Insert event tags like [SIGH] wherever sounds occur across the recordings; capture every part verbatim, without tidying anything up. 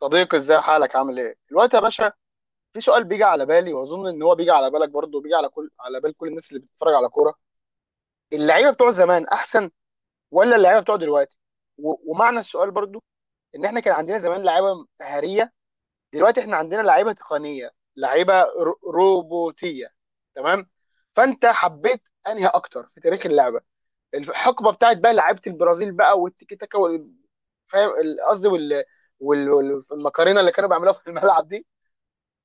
صديقي، ازاي حالك؟ عامل ايه؟ الوقت يا باشا. في سؤال بيجي على بالي، واظن ان هو بيجي على بالك برضه، بيجي على كل على بال كل الناس اللي بتتفرج على كوره. اللعيبه بتوع زمان احسن ولا اللعيبه بتوع دلوقتي؟ و... ومعنى السؤال برضه، ان احنا كان عندنا زمان لعيبه مهاريه، دلوقتي احنا عندنا لعيبه تقنيه، لعيبه ر... روبوتيه. تمام؟ فانت حبيت انهي اكتر في تاريخ اللعبه؟ الحقبه بتاعت بقى لعيبه البرازيل بقى والتيكي تاكا وال- فاهم ال- قصدي وال... وال... والمكرونه اللي كانوا بيعملوها في الملعب دي،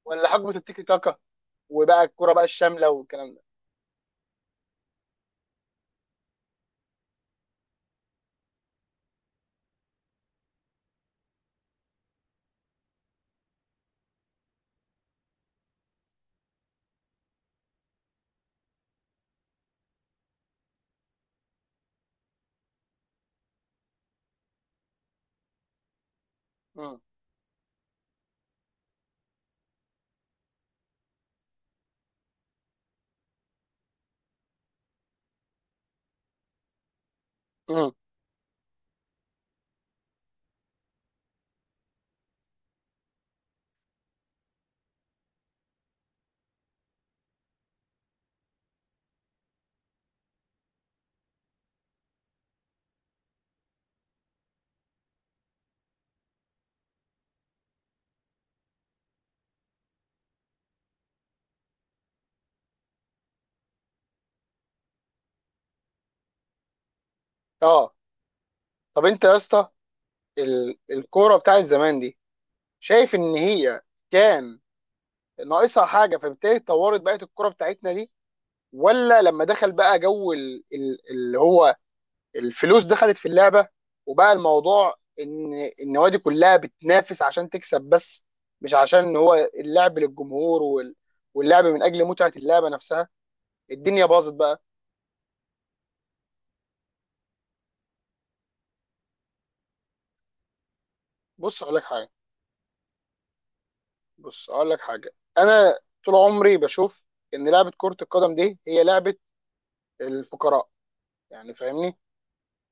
ولا حقبه التيكي تاكا وبقى الكوره بقى الشامله والكلام ده؟ امم. امم. اه. طب انت يا اسطى، ال- الكوره بتاعت زمان دي، شايف ان هي كان ناقصها حاجه فبالتالي اتطورت بقت الكوره بتاعتنا دي، ولا لما دخل بقى جو ال- ال- اللي هو الفلوس دخلت في اللعبه، وبقى الموضوع ان النوادي كلها بتنافس عشان تكسب بس، مش عشان ان هو اللعب للجمهور وال- واللعب من اجل متعه اللعبه نفسها؟ الدنيا باظت بقى. بص اقول لك حاجه بص اقول لك حاجه، انا طول عمري بشوف ان لعبه كره القدم دي هي لعبه الفقراء. يعني فاهمني،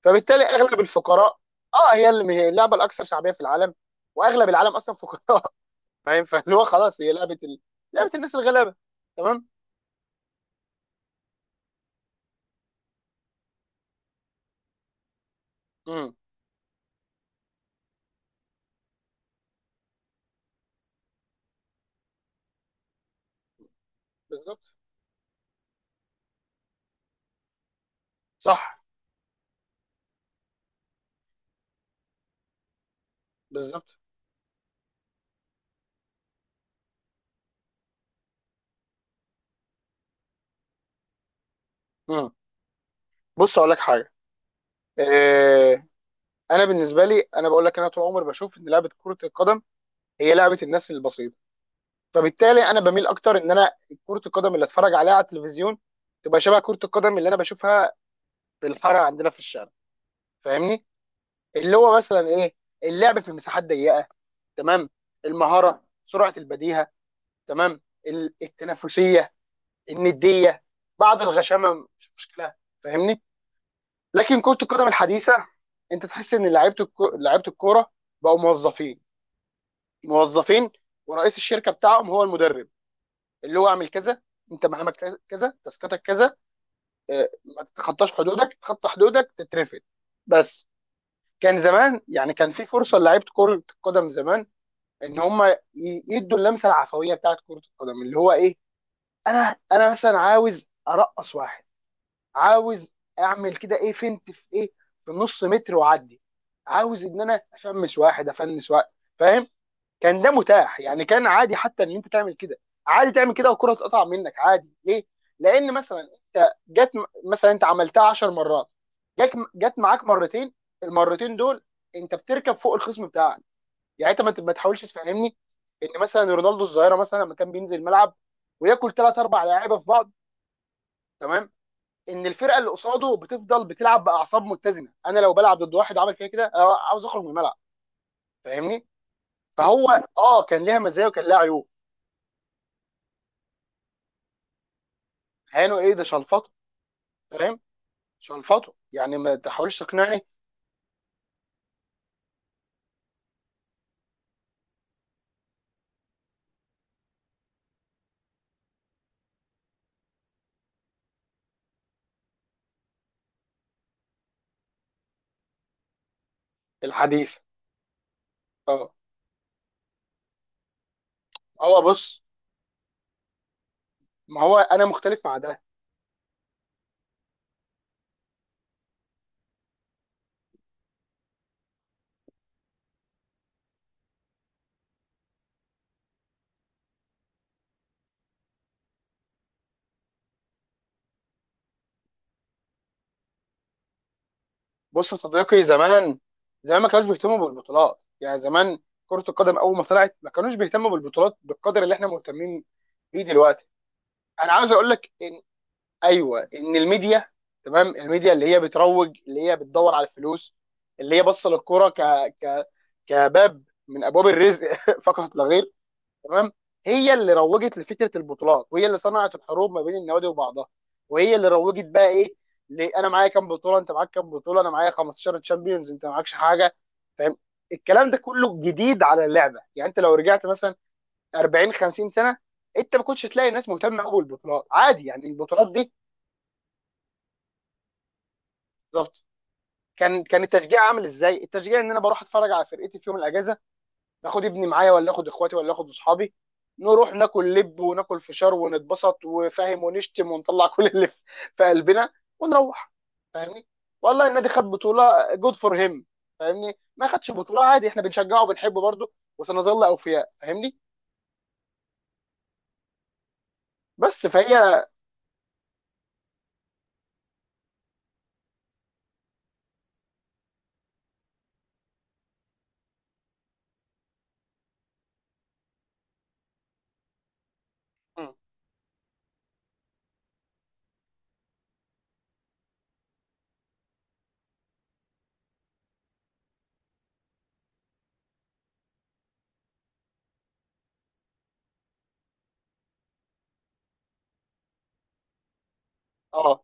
فبالتالي اغلب الفقراء، اه، هي اللي هي اللعبه الاكثر شعبيه في العالم، واغلب العالم اصلا فقراء. [LAUGHS] فاهم، فاللي هو خلاص، هي لعبه ال... لعبه الناس الغلابه. تمام؟ امم. بالظبط. صح. بالظبط. امم. بص اقول لك حاجه، آه انا بالنسبه لي، انا بقول لك، انا طول عمري بشوف ان لعبه كره القدم هي لعبه الناس البسيطه، فبالتالي انا بميل اكتر ان انا كره القدم اللي اتفرج عليها على التلفزيون تبقى شبه كره القدم اللي انا بشوفها في الحاره عندنا في الشارع. فاهمني، اللي هو مثلا ايه؟ اللعب في مساحات ضيقه، تمام؟ المهاره، سرعه البديهه، تمام؟ ال- التنافسيه، النديه، بعض الغشامه مش مشكله. فاهمني؟ لكن كره القدم الحديثه، انت تحس ان لعيبه الكو- لعيبه الكوره بقوا موظفين موظفين، ورئيس الشركه بتاعهم هو المدرب، اللي هو اعمل كذا، انت مهامك كذا كذا، تاسكاتك كذا، آه، ما تتخطاش حدودك، تتخطى حدودك تترفد. بس. كان زمان، يعني كان في فرصه لعيبه كره القدم زمان، ان هم ي- يدوا اللمسه العفويه بتاعت كره القدم، اللي هو ايه؟ انا، انا مثلا عاوز ارقص واحد، عاوز اعمل كده، ايه فنت في ايه، في نص متر واعدي، عاوز ان انا افمس واحد افنس واحد. فاهم؟ كان ده متاح، يعني كان عادي حتى ان انت تعمل كده، عادي تعمل كده والكره تقطع منك عادي. ليه؟ لان مثلا انت جت، مثلا انت عملتها 10 مرات، جت جت معاك مرتين، المرتين دول انت بتركب فوق الخصم بتاعك. يعني انت ما ت- ما تحاولش تفهمني ان مثلا رونالدو الظاهره مثلا لما كان بينزل الملعب وياكل ثلاث اربع لعيبه في بعض، تمام؟ ان الفرقه اللي قصاده بتفضل بتلعب باعصاب متزنه؟ انا لو بلعب ضد واحد عمل فيها كده أنا عاوز اخرج من الملعب. فاهمني؟ فهو، اه كان ليها مزايا وكان لها عيوب. هانوا ايه، ده شلفطه. فاهم؟ شلفطه، يعني ما تحاولش تقنعني. الحديث. اه هو بص، ما هو انا مختلف مع ده. بص يا صديقي، زمان، زمان ما كانوش بيهتموا بالبطولات. يعني زمان كرة القدم اول ما طلعت ما كانوش بيهتموا بالبطولات بالقدر اللي احنا مهتمين بيه دلوقتي. انا عاوز اقول لك ان، ايوه، ان الميديا، تمام، الميديا اللي هي بتروج، اللي هي بتدور على الفلوس، اللي هي باصه للكوره ك ك كباب من ابواب الرزق، [LAUGHS] فقط لا غير. تمام؟ هي اللي روجت لفكره البطولات، وهي اللي صنعت الحروب ما بين النوادي وبعضها، وهي اللي روجت بقى ايه؟ ل- انا معايا كام بطوله، انت معاك كام بطوله، انا معايا خمسة عشر تشامبيونز، انت معاكش حاجه. فاهم؟ الكلام ده كله جديد على اللعبه. يعني انت لو رجعت مثلا اربعين خمسين سنه، انت ما كنتش تلاقي الناس مهتمه قوي بالبطولات، عادي يعني البطولات دي. بالظبط. كان كان التشجيع عامل ازاي؟ التشجيع ان انا بروح اتفرج على فرقتي في يوم الاجازه، اخد ابني معايا، ولا اخد اخواتي، ولا اخد اصحابي، نروح ناكل لب وناكل فشار ونتبسط وفاهم، ونشتم ونطلع كل اللي في في قلبنا، ونروح. فاهمني؟ والله النادي خد بطوله، جود فور هيم، فاهمني؟ ما خدش بطوله، عادي، احنا بنشجعه وبنحبه برضه، وسنظل اوفياء. فاهمني؟ بس فهي. مم. اه.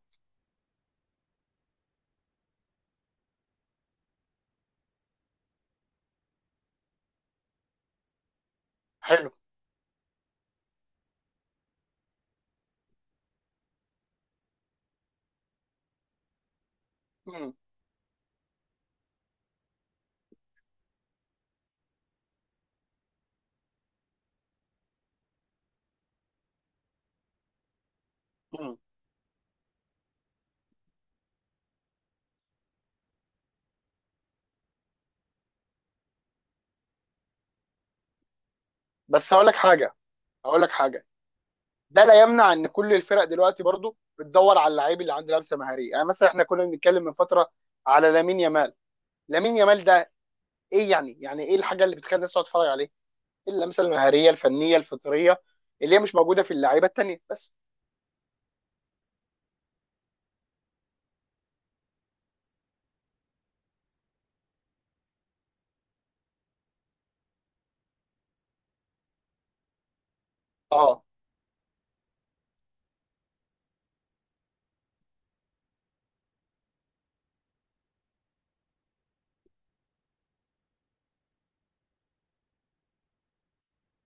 حلو. مم. مم. بس هقول لك حاجه، هقول لك حاجه ده لا يمنع ان كل الفرق دلوقتي برضه بتدور على اللعيب اللي عنده لمسه مهاريه. يعني مثلا احنا كنا بنتكلم من فتره على لامين يامال. لامين يامال ده ايه يعني يعني ايه الحاجه اللي بتخلي الناس تقعد تتفرج عليه؟ إيه اللمسه المهاريه الفنيه الفطريه اللي هي مش موجوده في اللعيبه التانيه؟ بس. اه.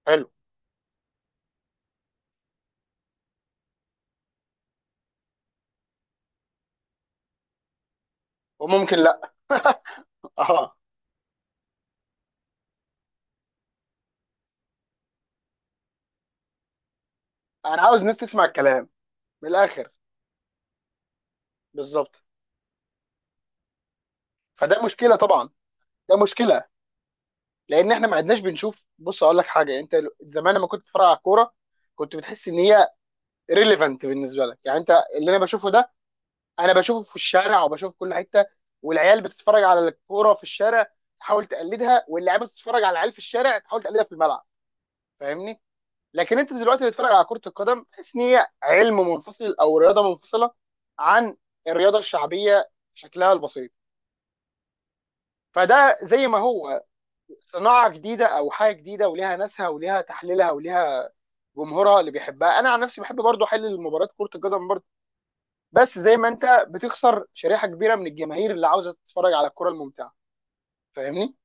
حلو. وممكن لا. اه. انا عاوز الناس تسمع الكلام من الاخر. بالظبط. فده مشكله طبعا، ده مشكله، لان احنا ما عدناش بنشوف. بص اقول لك حاجه، انت زمان لما كنت بتتفرج على الكوره كنت بتحس ان هي ريليفنت بالنسبه لك، يعني انت اللي انا بشوفه ده انا بشوفه في الشارع وبشوفه في كل حته، والعيال بتتفرج على الكوره في الشارع تحاول تقلدها، واللعيبه بتتفرج على العيال في الشارع تحاول تقلدها في الملعب. فاهمني؟ لكن انت دلوقتي بتتفرج على كره القدم، تحس ان هي علم منفصل او رياضه منفصله عن الرياضه الشعبيه شكلها البسيط. فده زي ما هو صناعه جديده، او حاجه جديده وليها ناسها وليها تحليلها وليها جمهورها اللي بيحبها. انا عن نفسي بحب برضو احلل مباريات كره القدم برضو، بس زي ما انت بتخسر شريحه كبيره من الجماهير اللي عاوزه تتفرج على الكره الممتعه. فاهمني؟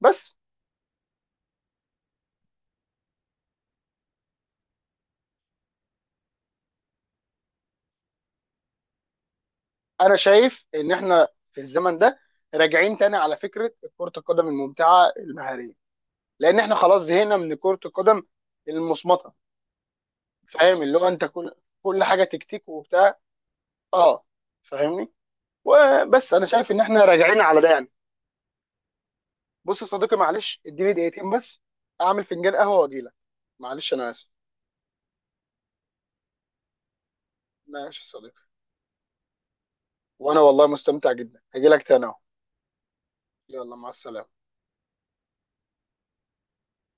بس انا شايف ان احنا في الزمن ده راجعين تاني على فكره كره القدم الممتعه المهاريه، لان احنا خلاص زهقنا من كره القدم المصمته. فاهم؟ اللي هو انت كل كل حاجه تكتيك وبتاع. اه فاهمني؟ وبس انا شايف ان احنا راجعين على ده يعني. بص يا صديقي، معلش اديني دقيقتين بس، اعمل فنجان قهوه واجيلك. معلش انا اسف. ماشي يا صديقي، وانا والله مستمتع جدا، هجيلك تاني اهو. يلا، مع السلامة.